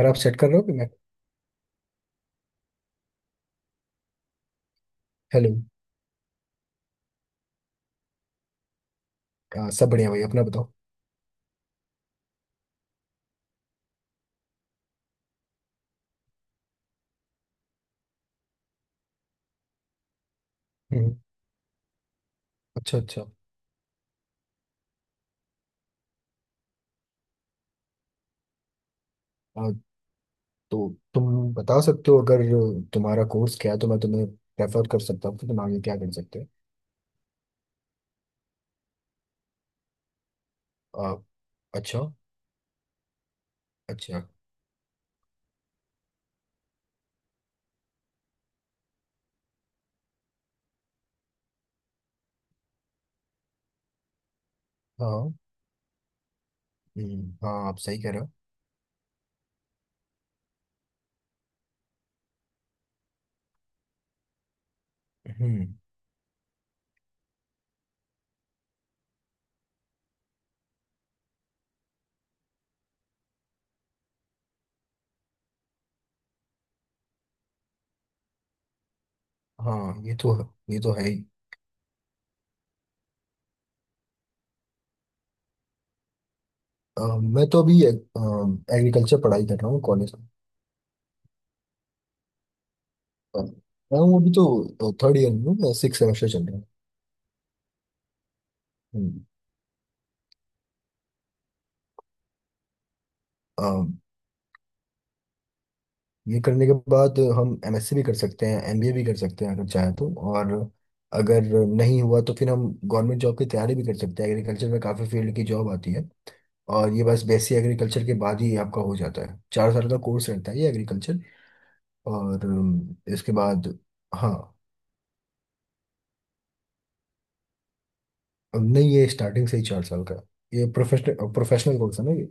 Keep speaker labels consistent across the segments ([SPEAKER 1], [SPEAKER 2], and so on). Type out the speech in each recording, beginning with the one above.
[SPEAKER 1] यार, आप सेट कर रहे हो कि मैं। हेलो। हाँ, सब बढ़िया भाई, अपना बताओ। हम्म। अच्छा अच्छा। आ, तो तुम बता सकते हो, अगर तुम्हारा कोर्स क्या है तो मैं तुम्हें रेफर कर सकता हूँ कि तुम आगे क्या कर सकते हो। अच्छा। अच्छा। हाँ। हाँ, आप सही कह रहे हो। हम्म। हाँ, ये तो है। ये तो है ही। मैं तो अभी एग्रीकल्चर पढ़ाई कर रहा हूँ कॉलेज में। आ, मैं हूँ अभी तो थर्ड ईयर में, 6 सेमेस्टर चल रहा है। ये करने के बाद हम एमएससी भी कर सकते हैं, एमबीए भी कर सकते हैं अगर चाहे तो। और अगर नहीं हुआ तो फिर हम गवर्नमेंट जॉब की तैयारी भी कर सकते हैं। एग्रीकल्चर में काफ़ी फील्ड की जॉब आती है। और ये बस बेसिक एग्रीकल्चर के बाद ही आपका हो जाता है। 4 साल का कोर्स रहता है ये एग्रीकल्चर। और इसके बाद। हाँ। अब नहीं, ये स्टार्टिंग से ही 4 साल का है। ये प्रोफेशनल प्रोफेशनल कोर्स है ना ये।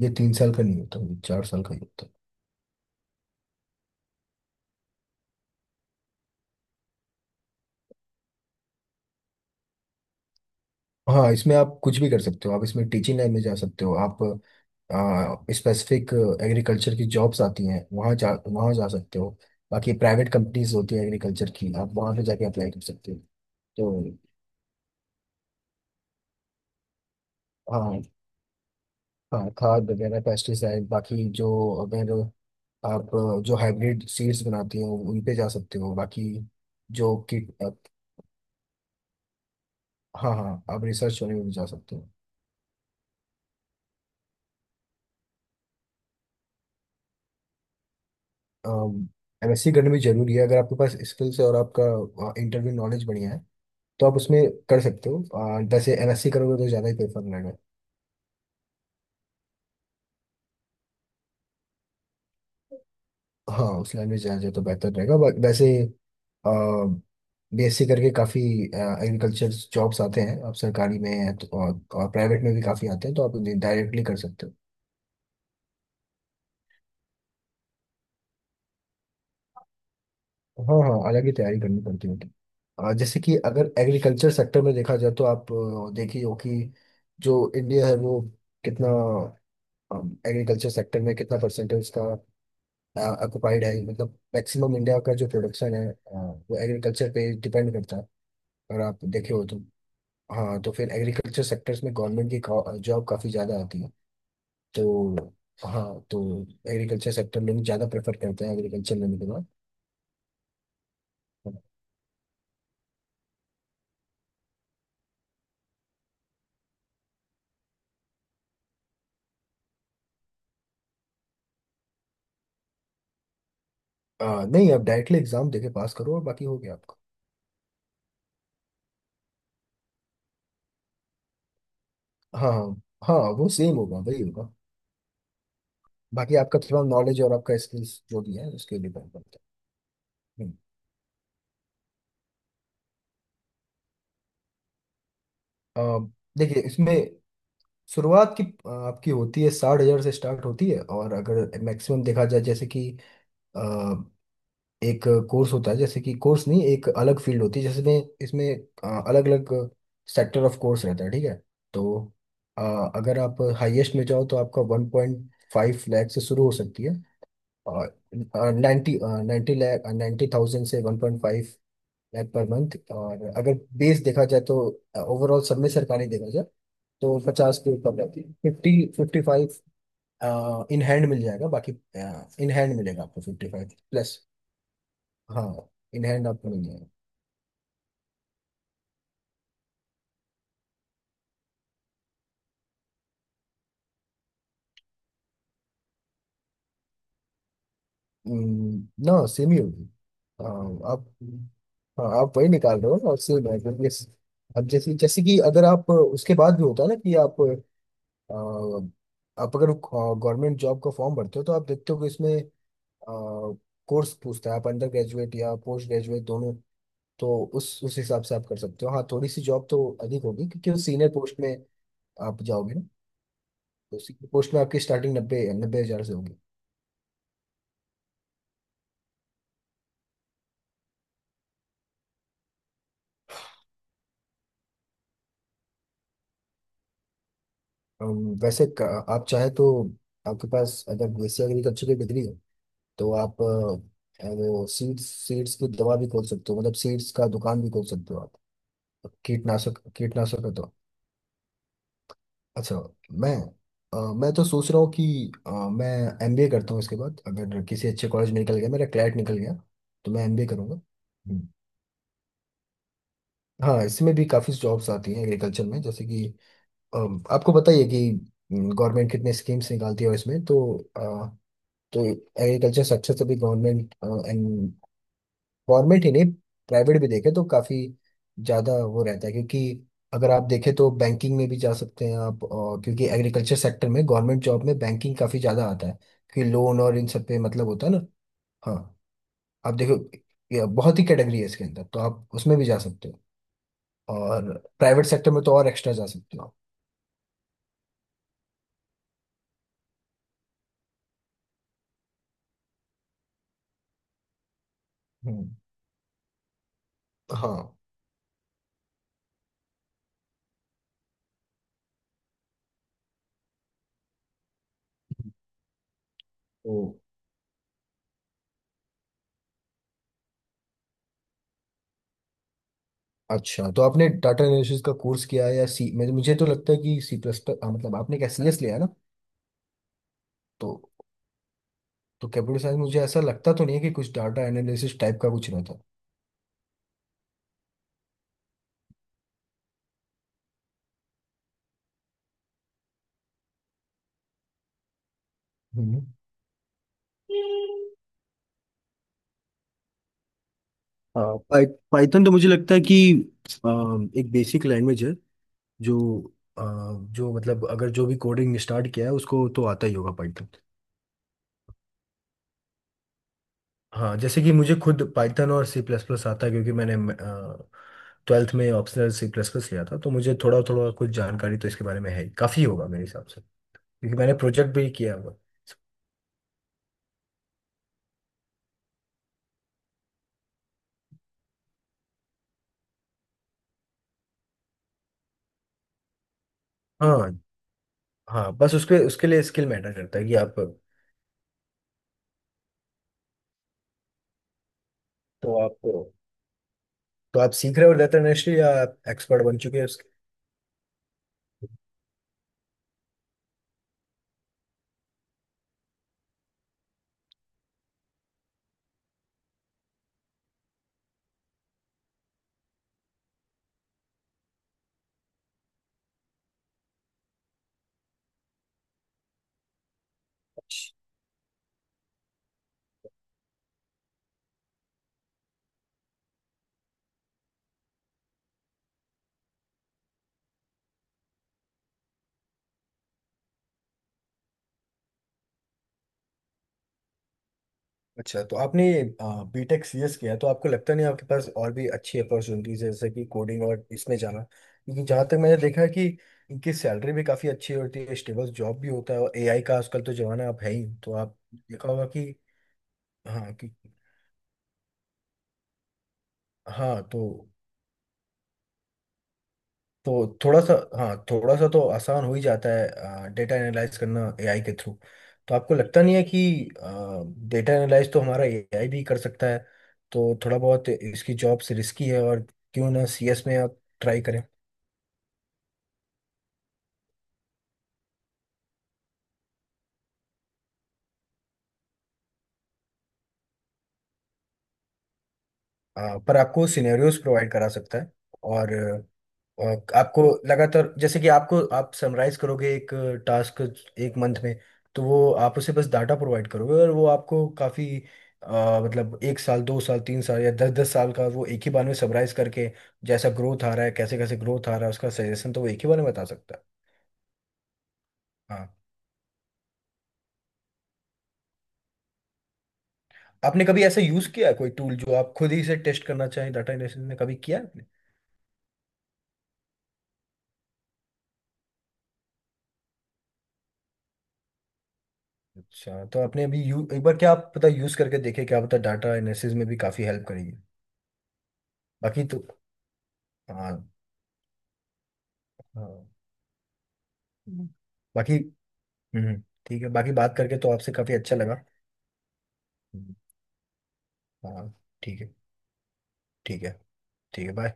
[SPEAKER 1] ये 3 साल का नहीं होता, ये 4 साल का ही होता है। हाँ, इसमें आप कुछ भी कर सकते हो। आप इसमें टीचिंग लाइन में जा सकते हो। आप स्पेसिफिक एग्रीकल्चर की जॉब्स आती हैं, वहाँ जा सकते हो। बाकी प्राइवेट कंपनीज होती है एग्रीकल्चर की, आप वहाँ पे जाके अप्लाई कर सकते हो तो। हाँ हाँ, खाद वगैरह पेस्टिसाइड, बाकी जो, अगर आप जो हाइब्रिड सीड्स बनाती हो उन पे जा सकते हो। बाकी जो किट। हाँ हाँ, आप रिसर्च वाले में भी जा सकते हो। एमएससी करना भी जरूरी है अगर आपके पास स्किल्स है और आपका इंटरव्यू नॉलेज बढ़िया है तो आप उसमें कर सकते हो। वैसे एमएससी करोगे तो ज़्यादा ही प्रेफर रहेगा। हाँ, उस लाइन में जाए तो बेहतर रहेगा, बट वैसे बीएससी करके काफ़ी एग्रीकल्चर जॉब्स आते हैं। आप सरकारी में हैं तो, और प्राइवेट में भी काफ़ी आते हैं तो आप डायरेक्टली कर सकते हो। हाँ हाँ, अलग ही तैयारी करनी पड़ती होगी। जैसे कि अगर एग्रीकल्चर सेक्टर में देखा जाए तो आप देखिए हो कि जो इंडिया है वो कितना एग्रीकल्चर सेक्टर में कितना परसेंटेज का ऑक्यूपाइड है, मतलब मैक्सिमम इंडिया का जो प्रोडक्शन है, वो एग्रीकल्चर पे डिपेंड करता है। अगर आप देखे हो तो। हाँ, तो फिर एग्रीकल्चर सेक्टर्स में गवर्नमेंट की जॉब काफ़ी ज़्यादा आती है तो। हाँ। तो एग्रीकल्चर सेक्टर लोग ज़्यादा प्रेफर करते हैं एग्रीकल्चर लेने के बाद। अ, नहीं, आप डायरेक्टली एग्जाम देके पास करो और बाकी हो गया आपका। हाँ हाँ। हाँ, वो सेम होगा, वही होगा। बाकी आपका थोड़ा नॉलेज और आपका स्किल्स जो भी है उसके डिपेंड करता है। हम्म। देखिए इसमें शुरुआत की आपकी होती है, 60,000 से स्टार्ट होती है। और अगर मैक्सिमम देखा जाए, जैसे कि अ, एक कोर्स होता है, जैसे कि कोर्स नहीं, एक अलग फील्ड होती है जिसमें इसमें अलग अलग सेक्टर ऑफ कोर्स रहता है। ठीक है। तो अ, अगर आप हाईएस्ट में जाओ तो आपका 1.5 लाख से शुरू हो सकती है। और नाइन्टी 90 लाख, 90,000 से 1.5 लाख पर मंथ। और अगर बेस देखा जाए तो ओवरऑल सब में, सरकारी देखा जाए तो 50 के ऊपर रहती है। फिफ्टी 55 इन हैंड मिल जाएगा, बाकी इन हैंड मिलेगा आपको 55 प्लस। हाँ, इन हैंड आपको मिल जाएगा। ना, सेम ही होगी। हाँ, आप। वही निकाल रहे हो ना, और सेम है क्योंकि अब जैसे, जैसे कि अगर आप उसके बाद भी होता है ना कि आप, अ, आप अगर गवर्नमेंट जॉब का फॉर्म भरते हो तो आप देखते हो कि इसमें कोर्स पूछता है, आप अंडर ग्रेजुएट या पोस्ट ग्रेजुएट दोनों। तो उस हिसाब से आप कर सकते हो। हाँ, थोड़ी सी जॉब तो अधिक होगी क्योंकि वो सीनियर पोस्ट में आप जाओगे। तो उसी की पोस्ट में आपकी स्टार्टिंग नब्बे 90,000 से होगी। अम, वैसे आप चाहे तो, आपके पास अगर बीएससी एग्रीकल्चर की डिग्री है तो आप वो सीड्स सीड्स की दवा भी खोल सकते हो, मतलब सीड्स का दुकान भी खोल सकते हो आप। कीटनाशक कीटनाशक है तो अच्छा। मैं मैं तो सोच रहा हूँ कि मैं एमबीए करता हूँ इसके बाद, अगर किसी अच्छे कॉलेज में निकल गया, मेरा क्लैट निकल गया तो मैं एमबीए करूँगा। हम्म। हाँ, इसमें भी काफ़ी जॉब्स आती हैं एग्रीकल्चर में। जैसे कि आपको बताइए कि गवर्नमेंट कितने स्कीम्स निकालती है इसमें तो। अ, तो एग्रीकल्चर सेक्टर से भी गवर्नमेंट ही नहीं, प्राइवेट भी देखे तो काफ़ी ज़्यादा वो रहता है। क्योंकि अगर आप देखें तो बैंकिंग में भी जा सकते हैं आप, और क्योंकि एग्रीकल्चर सेक्टर में गवर्नमेंट जॉब में बैंकिंग काफ़ी ज़्यादा आता है क्योंकि लोन और इन सब पे मतलब होता है ना। हाँ। आप देखो, ये बहुत ही कैटेगरी है इसके अंदर, तो आप उसमें भी जा सकते हो। और प्राइवेट सेक्टर में तो और एक्स्ट्रा जा सकते हो आप। हम्म। हाँ तो अच्छा, तो आपने डाटा एनालिसिस का कोर्स किया है या सी, मुझे मुझे तो लगता है कि सी प्लस प्लस, हाँ, मतलब आपने क्या सी एस लिया है ना। तो कंप्यूटर साइंस मुझे ऐसा लगता तो नहीं है कि कुछ डाटा एनालिसिस टाइप का कुछ रहता। हम्म। पाइथन तो मुझे लगता है कि अ, एक बेसिक लैंग्वेज है जो, अ, जो मतलब अगर जो भी कोडिंग स्टार्ट किया है उसको तो आता ही होगा। हाँ, जैसे कि मुझे खुद पाइथन और सी प्लस प्लस आता है क्योंकि मैंने 12वीं में ऑप्शनल सी प्लस प्लस लिया था तो मुझे थोड़ा थोड़ा कुछ जानकारी तो इसके बारे में है ही। काफ़ी होगा मेरे हिसाब से क्योंकि मैंने प्रोजेक्ट भी किया हुआ। हाँ हाँ, बस उसके उसके लिए स्किल मैटर करता है कि आप। तो आप तो आप सीख रहे हो डेटा एनालिस्ट, या आप एक्सपर्ट बन चुके हो? उसके अच्छा, तो आपने बीटेक सीएस किया, तो आपको लगता नहीं आपके पास और भी अच्छी अपॉर्चुनिटीज है, जैसे कि कोडिंग और इसमें जाना, क्योंकि जहाँ तक मैंने देखा है कि इनकी सैलरी भी काफ़ी अच्छी होती है, स्टेबल जॉब भी होता है, और एआई का आजकल तो जमाना आप है ही, तो आप देखा होगा कि। हाँ कि। हाँ तो थोड़ा सा, हाँ, थोड़ा सा तो आसान हो ही जाता है डेटा एनालाइज करना एआई के थ्रू। तो आपको लगता नहीं है कि डेटा एनालाइज तो हमारा एआई भी कर सकता है, तो थोड़ा बहुत इसकी जॉब से रिस्की है, और क्यों ना सीएस में आप ट्राई करें? पर आपको सिनेरियोज प्रोवाइड करा सकता है। और और आपको लगातार, जैसे कि आपको आप समराइज करोगे एक टास्क एक मंथ में, तो वो आप उसे बस डाटा प्रोवाइड करोगे और वो आपको काफ़ी, मतलब 1 साल, 2 साल, 3 साल या दस दस साल का वो एक ही बार में समराइज करके, जैसा ग्रोथ आ रहा है, कैसे कैसे ग्रोथ आ रहा है, उसका सजेशन तो वो एक ही बार में बता सकता है। हाँ। आपने कभी ऐसा यूज़ किया है कोई टूल, जो आप खुद ही से टेस्ट करना चाहें डाटा एनालिसिस में? कभी किया है आपने? अच्छा, तो आपने अभी यू एक बार, क्या आप पता यूज़ करके देखे, क्या पता डाटा एनालिसिस में भी काफ़ी हेल्प करेगी। बाकी तो। हाँ हाँ। हम्म। बाकी हम्म, ठीक है। बाकी बात करके तो आपसे काफी अच्छा लगा। हम्म, हाँ। ठीक है। ठीक है। ठीक है, बाय।